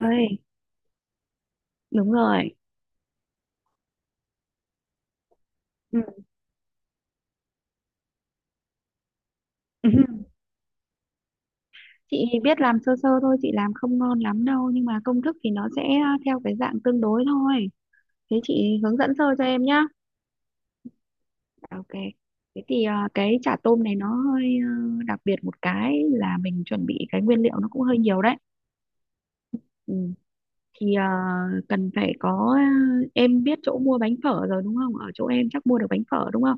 Ơi, đúng rồi. Ừ. Ừ. Chị biết làm sơ sơ thôi, chị làm không ngon lắm đâu, nhưng mà công thức thì nó sẽ theo cái dạng tương đối thôi. Thế chị hướng dẫn sơ cho em nhá. Ok. Thế thì à, cái chả tôm này nó hơi đặc biệt, một cái là mình chuẩn bị cái nguyên liệu nó cũng hơi nhiều đấy. Ừ. Thì à, cần phải có, em biết chỗ mua bánh phở rồi đúng không? Ở chỗ em chắc mua được bánh phở đúng không?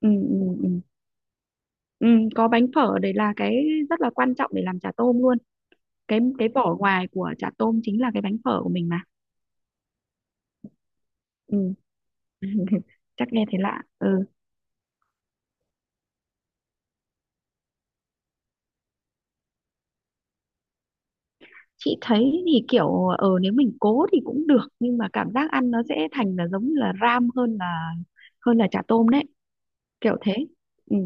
Ừ, ừ, ừ. Ừ, có bánh phở đấy là cái rất là quan trọng để làm chả tôm luôn. Cái vỏ ngoài của chả tôm chính là cái bánh phở của mình mà, ừ. Chắc nghe thấy lạ, ừ. Chị thấy thì kiểu nếu mình cố thì cũng được, nhưng mà cảm giác ăn nó sẽ thành là giống như là ram hơn là chả tôm đấy, kiểu thế, ừ.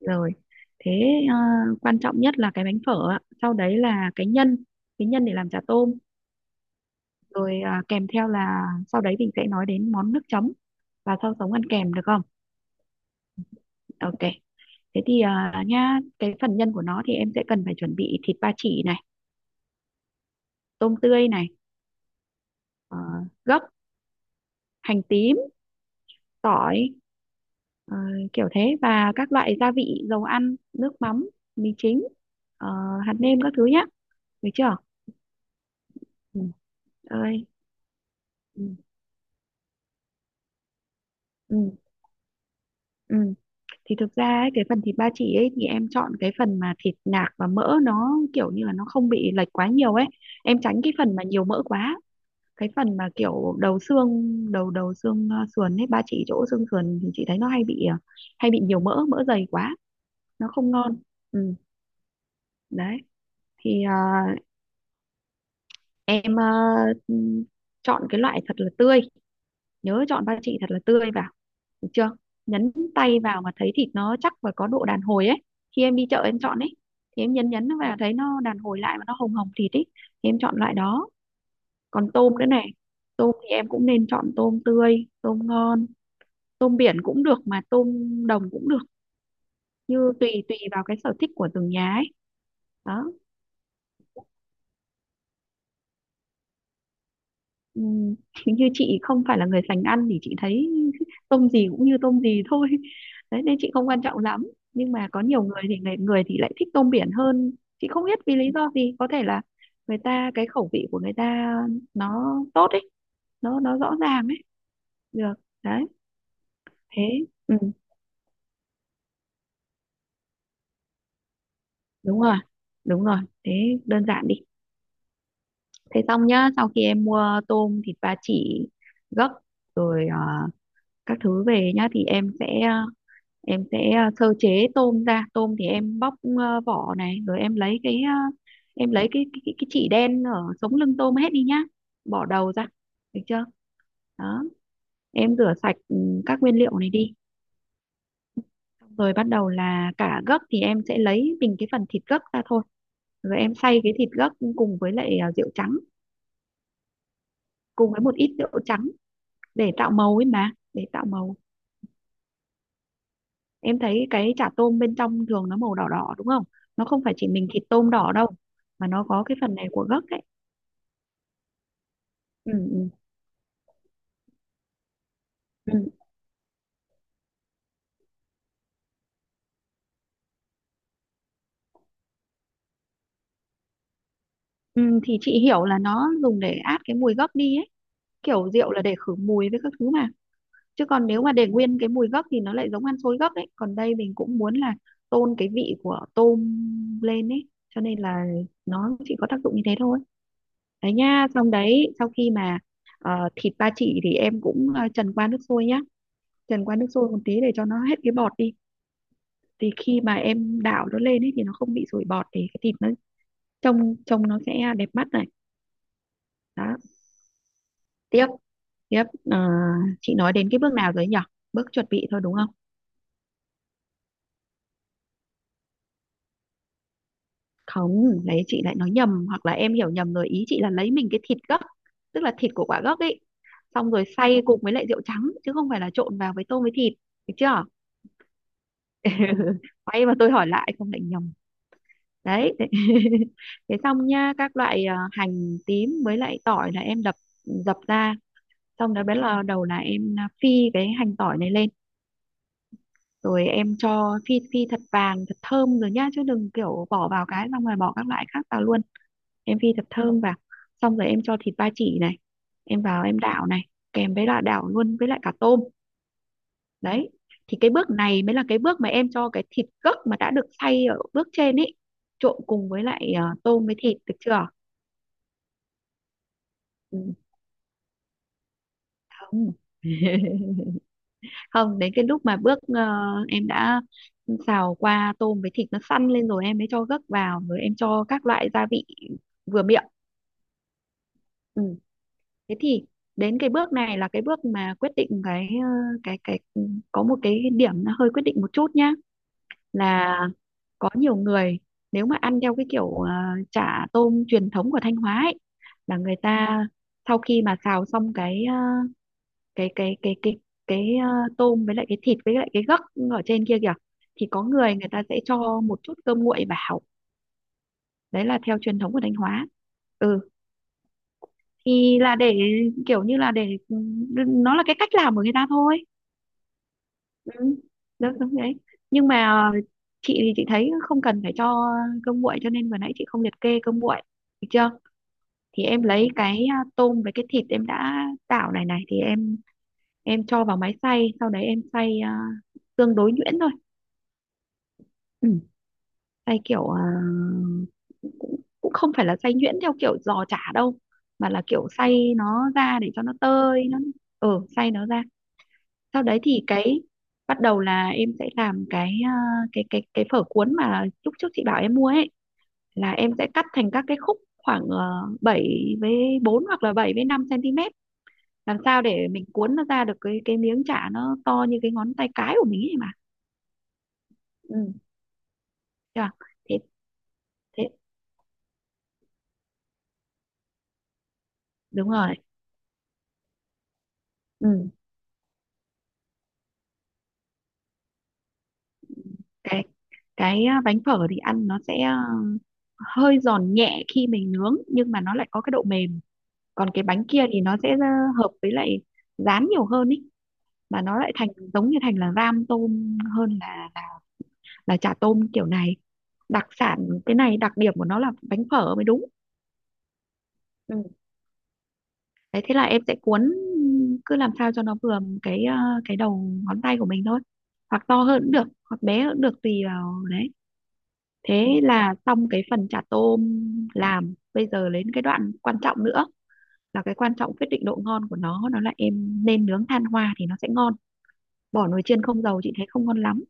Rồi, thế ờ, quan trọng nhất là cái bánh phở ạ, sau đấy là cái nhân, cái nhân để làm chả tôm, rồi à, kèm theo là sau đấy mình sẽ nói đến món nước chấm và sau sống ăn kèm, được không. Ok. Thế thì à, nha, cái phần nhân của nó thì em sẽ cần phải chuẩn bị thịt ba chỉ này, tôm tươi này, ờ, gấc, hành tím, tỏi, ờ, kiểu thế, và các loại gia vị, dầu ăn, nước mắm, mì chính, ờ, hạt nêm các thứ nhá, được chưa? Ừ. Ơi. Ừ. Ừ. Ừ. Thì thực ra ấy, cái phần thịt ba chỉ ấy thì em chọn cái phần mà thịt nạc và mỡ nó kiểu như là nó không bị lệch quá nhiều ấy. Em tránh cái phần mà nhiều mỡ quá, cái phần mà kiểu đầu xương, đầu đầu xương sườn ấy, ba chỉ chỗ xương sườn thì chị thấy nó hay bị hay bị nhiều mỡ, mỡ dày quá nó không ngon, ừ, đấy. Thì em ừm, chọn cái loại thật là tươi, nhớ chọn ba chỉ thật là tươi vào, được chưa? Nhấn tay vào mà thấy thịt nó chắc và có độ đàn hồi ấy, khi em đi chợ em chọn ấy, thì em nhấn nhấn nó vào thấy nó đàn hồi lại mà nó hồng hồng thịt ấy, thì em chọn loại đó. Còn tôm nữa này, tôm thì em cũng nên chọn tôm tươi tôm ngon, tôm biển cũng được mà tôm đồng cũng được, như tùy tùy vào cái sở thích của từng nhà ấy, đó. Ừm, như chị không phải là người sành ăn thì chị thấy tôm gì cũng như tôm gì thôi, đấy nên chị không quan trọng lắm, nhưng mà có nhiều người thì người người thì lại thích tôm biển hơn, chị không biết vì lý do gì, có thể là người ta cái khẩu vị của người ta nó tốt ấy, nó rõ ràng ấy, được, đấy. Thế, ừ, đúng rồi, đúng rồi, thế đơn giản đi. Thế xong nhá, sau khi em mua tôm, thịt ba chỉ, gấc, rồi các thứ về nhá, thì em sẽ em sẽ sơ chế tôm ra. Tôm thì em bóc vỏ này, rồi em lấy cái em lấy cái chỉ đen ở sống lưng tôm hết đi nhá. Bỏ đầu ra, được chưa? Đó, em rửa sạch, ừ, các nguyên liệu này đi. Xong rồi bắt đầu là cả gấc thì em sẽ lấy mình cái phần thịt gấc ra thôi. Rồi em xay cái thịt gấc cùng với lại rượu trắng, cùng với một ít rượu trắng, để tạo màu ấy mà, để tạo màu. Em thấy cái chả tôm bên trong thường nó màu đỏ đỏ đúng không, nó không phải chỉ mình thịt tôm đỏ đâu, mà nó có cái phần này của gấc ấy, ừ, ừ, ừ. Ừ, thì chị hiểu là nó dùng để át cái mùi gấc đi ấy, kiểu rượu là để khử mùi với các thứ mà, chứ còn nếu mà để nguyên cái mùi gấc thì nó lại giống ăn xôi gấc ấy, còn đây mình cũng muốn là tôn cái vị của tôm lên ấy, cho nên là nó chỉ có tác dụng như thế thôi, đấy nha. Xong đấy, sau khi mà thịt ba chỉ thì em cũng trần qua nước sôi nhá, trần qua nước sôi một tí để cho nó hết cái bọt đi, thì khi mà em đảo nó lên ấy thì nó không bị sủi bọt, thì cái thịt nó trông trông nó sẽ đẹp mắt này, đó. Tiếp tiếp ờ, chị nói đến cái bước nào rồi nhỉ, bước chuẩn bị thôi đúng không. Không, đấy chị lại nói nhầm hoặc là em hiểu nhầm rồi, ý chị là lấy mình cái thịt gấc, tức là thịt của quả gấc ấy, xong rồi xay cùng với lại rượu trắng chứ không phải là trộn vào với tôm với thịt, được chưa. Quay mà tôi hỏi lại không lại nhầm đấy, thế. Thế xong nha, các loại à, hành tím với lại tỏi là em đập dập ra, xong đó bắt là đầu là em à, phi cái hành tỏi này lên, rồi em cho phi phi thật vàng thật thơm rồi nhá, chứ đừng kiểu bỏ vào cái xong rồi bỏ các loại khác vào luôn. Em phi thật thơm vào, xong rồi em cho thịt ba chỉ này, em vào em đảo này, kèm với là đảo luôn với lại cả tôm, đấy. Thì cái bước này mới là cái bước mà em cho cái thịt gấc mà đã được xay ở bước trên ấy trộn cùng với lại tôm với thịt, được chưa. Ừm, không. Không, đến cái lúc mà bước em đã xào qua tôm với thịt nó săn lên rồi em mới cho gấc vào, rồi em cho các loại gia vị vừa miệng, ừ. Thế thì đến cái bước này là cái bước mà quyết định cái cái ừ, có một cái điểm nó hơi quyết định một chút nhá, là có nhiều người, nếu mà ăn theo cái kiểu chả tôm truyền thống của Thanh Hóa ấy, là người ta sau khi mà xào xong cái cái cái cái cái cái tôm với lại cái thịt với lại cái gấc ở trên kia kìa, thì có người, người ta sẽ cho một chút cơm nguội vào, đấy là theo truyền thống của Thanh Hóa. Ừ, thì là để kiểu như là để, ừ, nó là cái cách làm của người ta thôi, ừ. Đó, đúng đấy, nhưng mà ờ, chị thì chị thấy không cần phải cho cơm nguội, cho nên vừa nãy chị không liệt kê cơm nguội, được chưa. Thì em lấy cái à, tôm với cái thịt em đã tạo này này thì em cho vào máy xay, sau đấy em xay à, tương đối nhuyễn thôi. Ừ, xay kiểu à, cũng cũng không phải là xay nhuyễn theo kiểu giò chả đâu, mà là kiểu xay nó ra để cho nó tơi nó, ừ xay nó ra. Sau đấy thì cái bắt đầu là em sẽ làm cái à, cái phở cuốn mà lúc trước chị bảo em mua ấy, là em sẽ cắt thành các cái khúc khoảng 7 với 4 hoặc là 7 với 5 cm, làm sao để mình cuốn nó ra được cái miếng chả nó to như cái ngón tay cái của mình ấy mà, ừ, chưa? Thế, thế, đúng rồi, ừ. cái cái à, bánh phở thì ăn nó sẽ à, hơi giòn nhẹ khi mình nướng nhưng mà nó lại có cái độ mềm, còn cái bánh kia thì nó sẽ à, hợp với lại rán nhiều hơn ý, mà nó lại thành giống như thành là ram tôm hơn là chả tôm kiểu này, đặc sản. Cái này đặc điểm của nó là bánh phở mới đúng, ừ. Đấy thế là em sẽ cuốn, cứ làm sao cho nó vừa cái à, cái đầu ngón tay của mình thôi, hoặc to hơn cũng được hoặc bé hơn cũng được tùy vào đấy. Thế là xong cái phần chả tôm làm, bây giờ đến cái đoạn quan trọng nữa, là cái quan trọng quyết định độ ngon của nó là em nên nướng than hoa thì nó sẽ ngon, bỏ nồi chiên không dầu chị thấy không ngon lắm,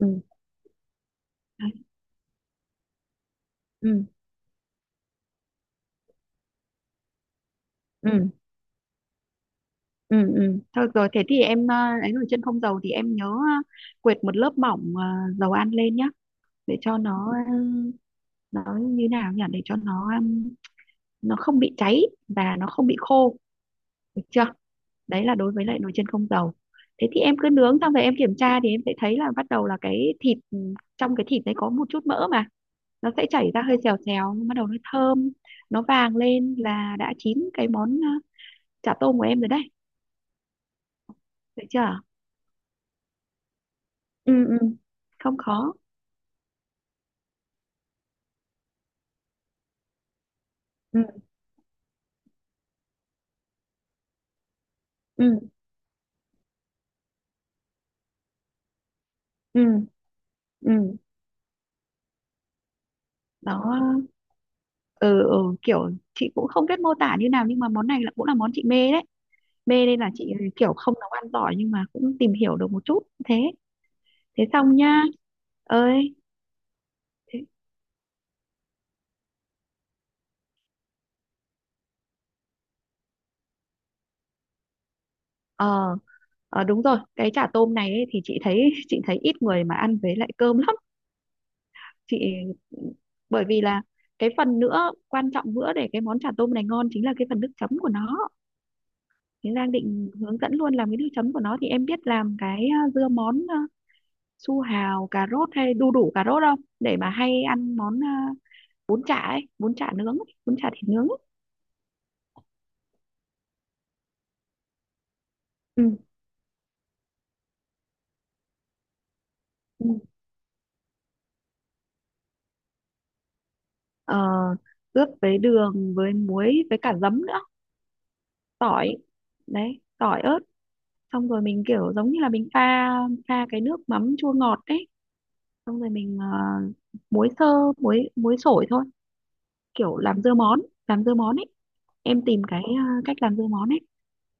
ừ, đấy. Ừ ừ ừ ừ, thôi rồi thế thì em ấy nồi chiên không dầu thì em nhớ quệt một lớp mỏng dầu ăn lên nhá, để cho nó nó như nào nhỉ, để cho nó nó không bị cháy và nó không bị khô, được chưa. Đấy là đối với lại nồi chiên không dầu. Thế thì em cứ nướng xong rồi em kiểm tra thì em sẽ thấy là bắt đầu là cái thịt, ừ, trong cái thịt đấy có một chút mỡ mà, nó sẽ chảy ra hơi xèo xèo nhưng bắt đầu nó thơm, nó vàng lên là đã chín cái món chả tôm của em rồi đấy, được chưa. Ừ ừ, không khó, ừ ừ ừ ừ, đó. Ừ, ừ, kiểu chị cũng không biết mô tả như nào nhưng mà món này là cũng là món chị mê đấy, mê nên là chị kiểu không nấu ăn giỏi nhưng mà cũng tìm hiểu được một chút, thế, thế xong nhá. Ơi, thế, ờ. Ờ, đúng rồi, cái chả tôm này ấy, thì chị thấy chị thấy ít người mà ăn với lại cơm lắm chị, bởi vì là cái phần nữa quan trọng nữa để cái món chả tôm này ngon chính là cái phần nước chấm của nó. Thì đang định hướng dẫn luôn làm cái nước chấm của nó, thì em biết làm cái à, dưa món à, su hào cà rốt hay đu đủ cà rốt không, để mà hay ăn món à, bún chả ấy, bún chả nướng ấy, bún chả thịt nướng ấy. Ừ. Ừ. Ờ, ướp với đường với muối với cả giấm nữa, tỏi, đấy tỏi ớt, xong rồi mình kiểu giống như là mình pha, pha cái nước mắm chua ngọt đấy, xong rồi mình muối sơ, muối muối sổi thôi, kiểu làm dưa món, làm dưa món ấy, em tìm cái cách làm dưa món ấy.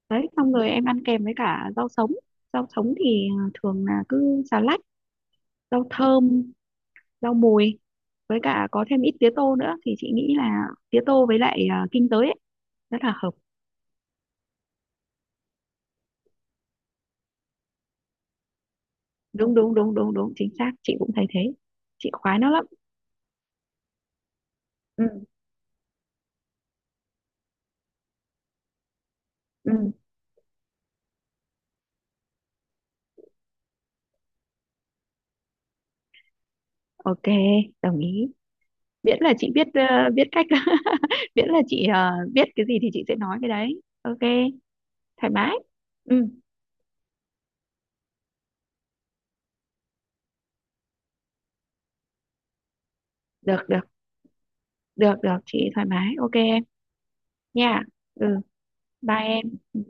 Đấy xong rồi em ăn kèm với cả rau sống, rau sống thì thường là cứ xà lách, rau thơm, rau mùi với cả có thêm ít tía tô nữa thì chị nghĩ là tía tô với lại kinh tế ấy rất là hợp. Đúng đúng đúng đúng đúng, chính xác, chị cũng thấy thế, chị khoái nó lắm, ừ ừ. Ok, đồng ý, miễn là chị biết biết cách, miễn là chị biết cái gì thì chị sẽ nói cái đấy, ok, thoải mái, ừ, được được, được được chị thoải mái, ok em, nha, ừ, bye em. Ừ.